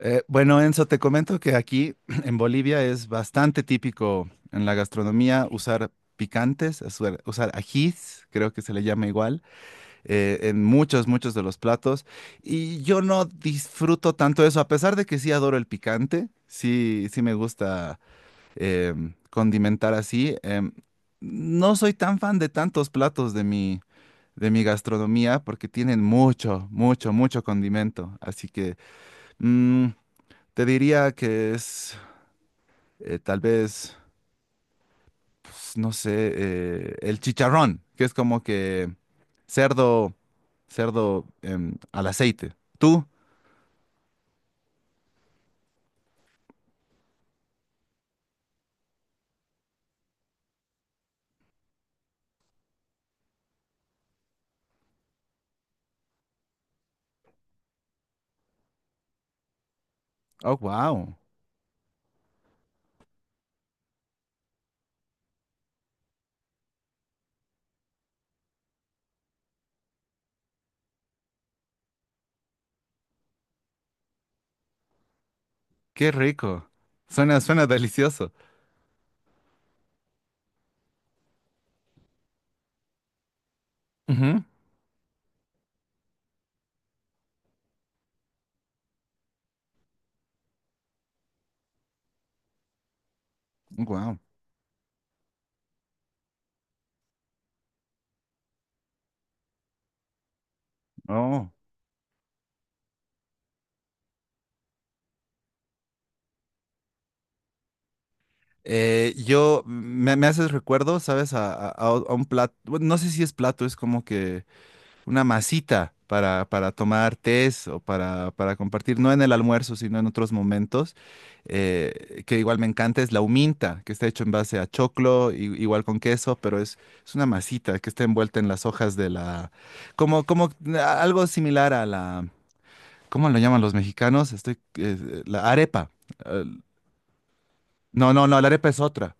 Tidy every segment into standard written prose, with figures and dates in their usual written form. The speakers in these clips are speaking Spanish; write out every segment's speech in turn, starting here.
Bueno, Enzo, te comento que aquí en Bolivia es bastante típico en la gastronomía usar picantes, usar ajís, creo que se le llama igual, en muchos de los platos. Y yo no disfruto tanto eso, a pesar de que sí adoro el picante, sí, sí me gusta condimentar así. No soy tan fan de tantos platos de mi gastronomía porque tienen mucho condimento. Así que... mm, te diría que es tal vez, pues, no sé, el chicharrón, que es como que cerdo, cerdo al aceite. ¿Tú? Oh, wow, qué rico. Suena delicioso. Wow. Oh. Me haces recuerdo, ¿sabes? A un plato, no sé si es plato, es como que una masita para tomar tés o para compartir, no en el almuerzo, sino en otros momentos, que igual me encanta, es la huminta, que está hecho en base a choclo, igual con queso, es una masita que está envuelta en las hojas de la... Como, como algo similar a la... ¿Cómo lo llaman los mexicanos? La arepa. Eh, no, la arepa es otra.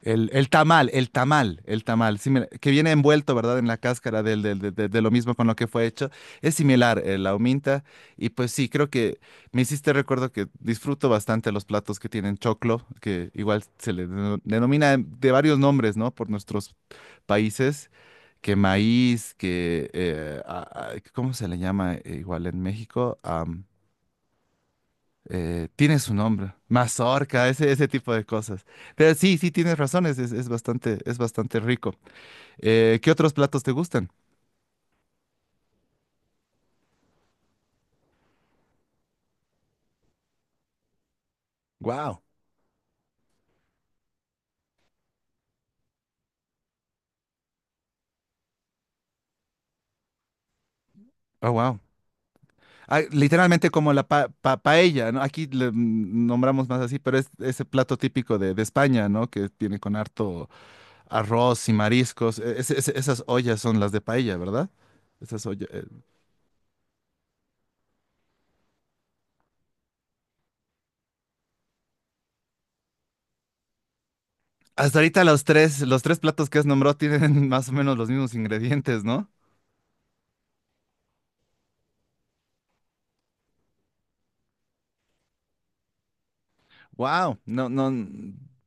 El tamal, similar, que viene envuelto, ¿verdad? En la cáscara de lo mismo con lo que fue hecho. Es similar, la huminta. Y pues sí, creo que me hiciste recuerdo que disfruto bastante los platos que tienen choclo, que igual se le denomina de varios nombres, ¿no? Por nuestros países, que maíz, que, ¿cómo se le llama igual en México? Tiene su nombre, mazorca, ese tipo de cosas. Pero sí, sí tienes razones, es bastante rico. ¿Qué otros platos te gustan? Wow. Oh, wow. Ah, literalmente como la paella, ¿no? Aquí le nombramos más así, pero es ese plato típico de España, ¿no? Que tiene con harto arroz y mariscos. Esas ollas son las de paella, ¿verdad? Esas ollas. Hasta ahorita los tres platos que has nombrado tienen más o menos los mismos ingredientes, ¿no? Wow, no, no,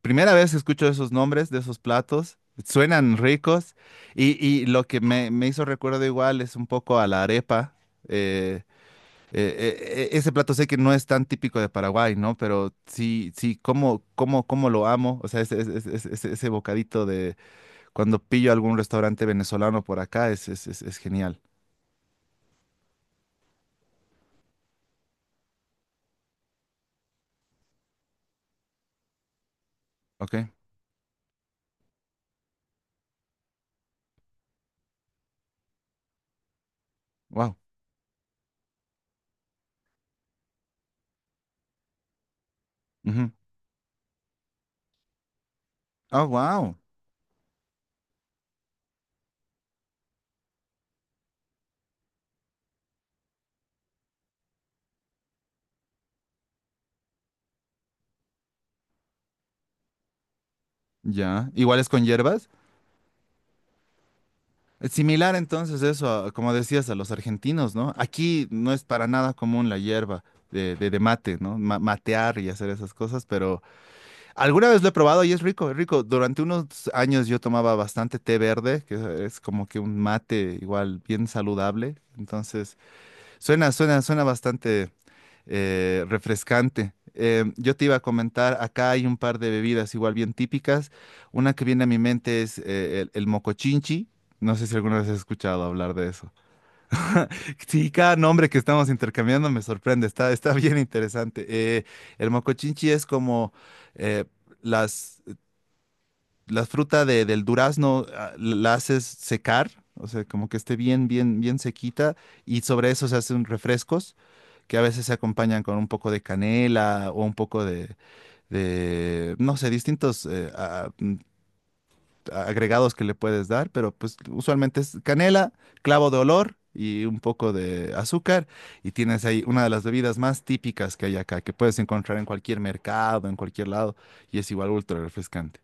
primera vez que escucho esos nombres de esos platos, suenan ricos y lo que me hizo recuerdo igual es un poco a la arepa. eh, Ese plato sé que no es tan típico de Paraguay, ¿no? Pero sí, sí, cómo lo amo. O sea, ese bocadito de cuando pillo algún restaurante venezolano por acá es genial. Ok, wow. Oh, wow. Ya. ¿Igual es con hierbas? Es similar entonces eso, a- como decías, a los argentinos, ¿no? Aquí no es para nada común la hierba de mate, ¿no? Ma- matear y hacer esas cosas, pero alguna vez lo he probado y es rico. Durante unos años yo tomaba bastante té verde, que es como que un mate igual bien saludable. Entonces, suena bastante refrescante. Em, yo te iba a comentar, acá hay un par de bebidas igual bien típicas. Una que viene a mi mente es el mocochinchi. No sé si alguna vez has escuchado hablar de eso. Sí, cada nombre que estamos intercambiando me sorprende, está bien interesante. El mocochinchi es como eh, las, la fruta del durazno, ah, la haces secar, o sea, como que esté bien sequita, y sobre eso se hacen refrescos que a veces se acompañan con un poco de canela o un poco no sé, distintos agregados que le puedes dar, pero pues usualmente es canela, clavo de olor y un poco de azúcar y tienes ahí una de las bebidas más típicas que hay acá, que puedes encontrar en cualquier mercado, en cualquier lado y es igual ultra refrescante.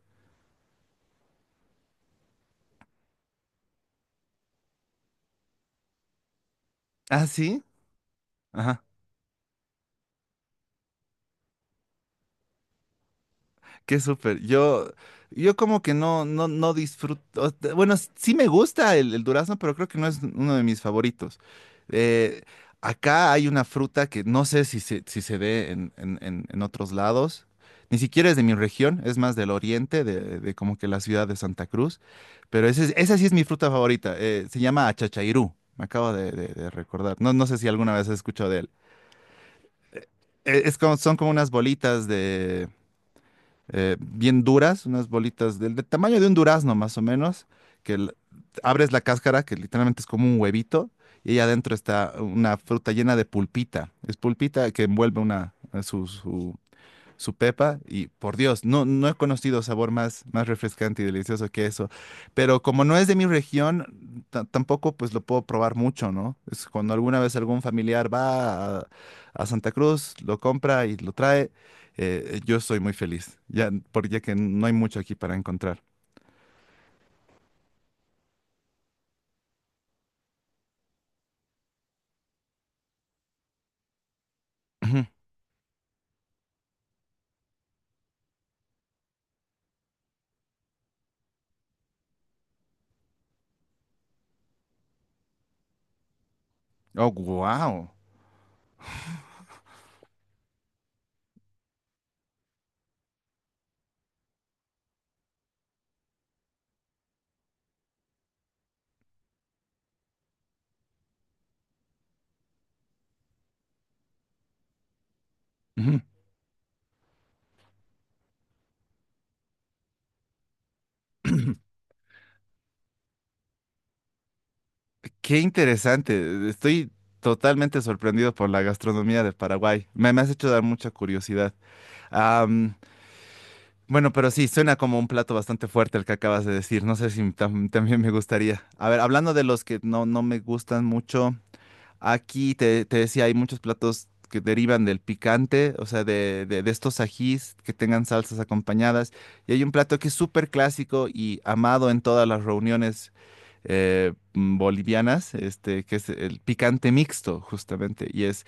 Ah, sí. Qué súper. Yo como que no disfruto. Bueno, s- sí me gusta el durazno, pero creo que no es uno de mis favoritos. Eh, acá hay una fruta que no sé si se ve en, en otros lados. Ni siquiera es de mi región, es más del oriente, de como que la ciudad de Santa Cruz. Pero esa sí es mi fruta favorita. Eh, se llama achachairú. Me acabo de recordar. No, no sé si alguna vez has escuchado de él. Es como, son como unas bolitas bien duras, unas bolitas del tamaño de un durazno más o menos, que l- abres la cáscara, que literalmente es como un huevito, y ahí adentro está una fruta llena de pulpita. Es pulpita que envuelve una, su, su pepa y por Dios, no, no he conocido sabor más refrescante y delicioso que eso. Pero como no es de mi región, ta- tampoco pues lo puedo probar mucho, ¿no? Es cuando alguna vez algún familiar va a Santa Cruz, lo compra y lo trae, yo soy muy feliz, ya, porque ya que no hay mucho aquí para encontrar. Ujú. Oh, wow. Qué interesante. Estoy totalmente sorprendido por la gastronomía de Paraguay. Me has hecho dar mucha curiosidad. Bueno, pero sí, suena como un plato bastante fuerte el que acabas de decir. No sé si tam- también me gustaría. A ver, hablando de los que no, no me gustan mucho, aquí te decía, hay muchos platos que derivan del picante, o sea, de estos ajís que tengan salsas acompañadas. Y hay un plato que es súper clásico y amado en todas las reuniones bolivianas, este, que es el picante mixto, justamente. Y es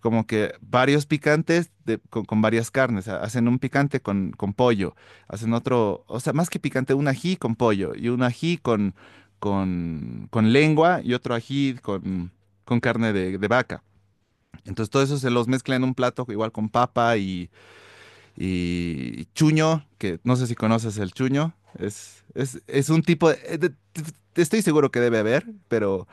como que varios picantes con varias carnes. Hacen un picante con pollo, hacen otro, o sea, más que picante, un ají con pollo y un ají con lengua y otro ají con carne de vaca. Entonces todo eso se los mezcla en un plato igual con papa y, y chuño, que no sé si conoces el chuño. Es un tipo, te estoy seguro que debe haber, pero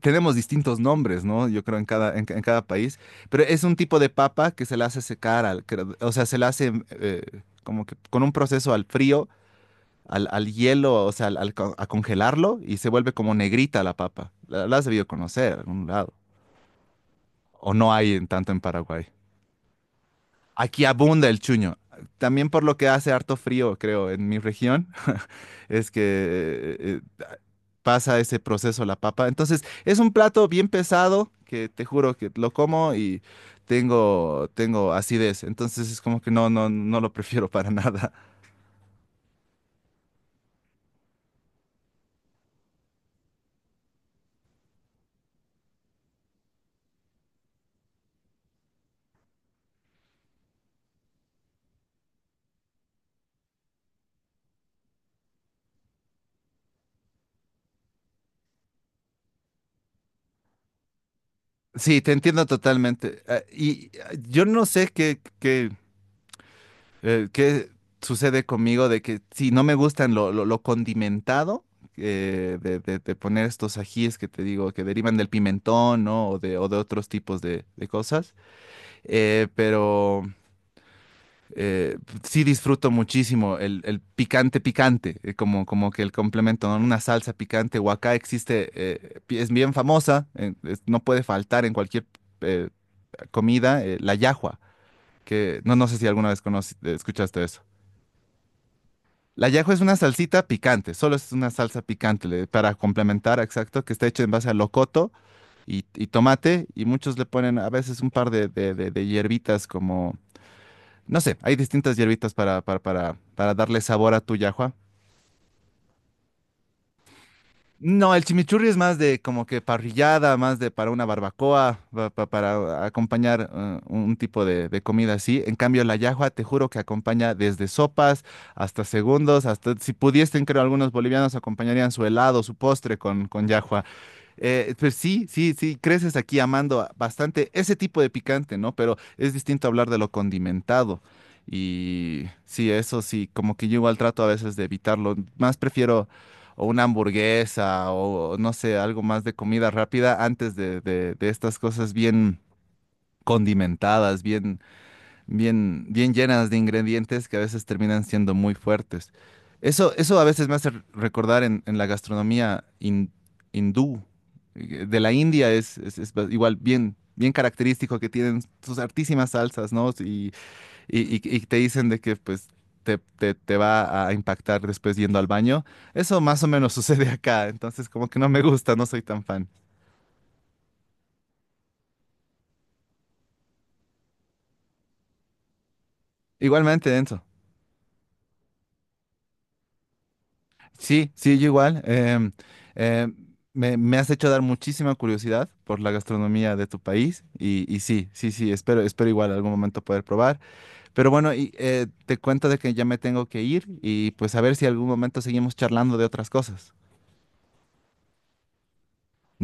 tenemos distintos nombres, ¿no? Yo creo en cada país, pero es un tipo de papa que se la hace secar, al, que, o sea, se la hace como que con un proceso al frío, al, al hielo, o sea, a congelarlo y se vuelve como negrita la papa. La has debido conocer en algún lado, o no hay en tanto en Paraguay. Aquí abunda el chuño. También por lo que hace harto frío, creo, en mi región, es que pasa ese proceso la papa. Entonces, es un plato bien pesado que te juro que lo como y tengo acidez. Entonces, es como que no lo prefiero para nada. Sí, te entiendo totalmente. Ah, y ah, yo no sé qué sucede conmigo de que si no me gustan lo condimentado. De poner estos ajíes que te digo que derivan del pimentón, ¿no? O de otros tipos de cosas. Eh, pero eh, sí disfruto muchísimo el picante picante, como que el complemento, ¿no? Una salsa picante, o acá existe, es bien famosa, no puede faltar en cualquier eh, comida, la yahua, que no, no sé si alguna vez escuchaste eso. La yahua es una salsita picante, solo es una salsa picante, para complementar, exacto, que está hecha en base a locoto y tomate, y muchos le ponen a veces un par de hierbitas como no sé, hay distintas hierbitas para darle sabor a tu yahua. No, el chimichurri es más de como que parrillada, más de para una barbacoa, para acompañar un tipo de comida así. En cambio, la yahua, te juro que acompaña desde sopas hasta segundos, hasta si pudiesen, creo, algunos bolivianos acompañarían su helado, su postre con llajua. Pues sí, creces aquí amando bastante ese tipo de picante, ¿no? Pero es distinto hablar de lo condimentado. Y sí, eso sí, como que yo igual trato a veces de evitarlo. Más prefiero o una hamburguesa o no sé, algo más de comida rápida antes de estas cosas bien condimentadas, bien llenas de ingredientes que a veces terminan siendo muy fuertes. Eso a veces me hace recordar en la gastronomía hindú, de la India es igual bien característico que tienen sus artísimas salsas, ¿no? Y te dicen de que pues te va a impactar después yendo al baño. Eso, más o menos sucede acá, entonces como que no me gusta, no soy tan fan. Igualmente, Enzo. Sí, sí, yo igual. Em, me has hecho dar muchísima curiosidad por la gastronomía de tu país y sí, espero igual algún momento poder probar. Pero bueno, y, te cuento de que ya me tengo que ir y pues a ver si algún momento seguimos charlando de otras cosas.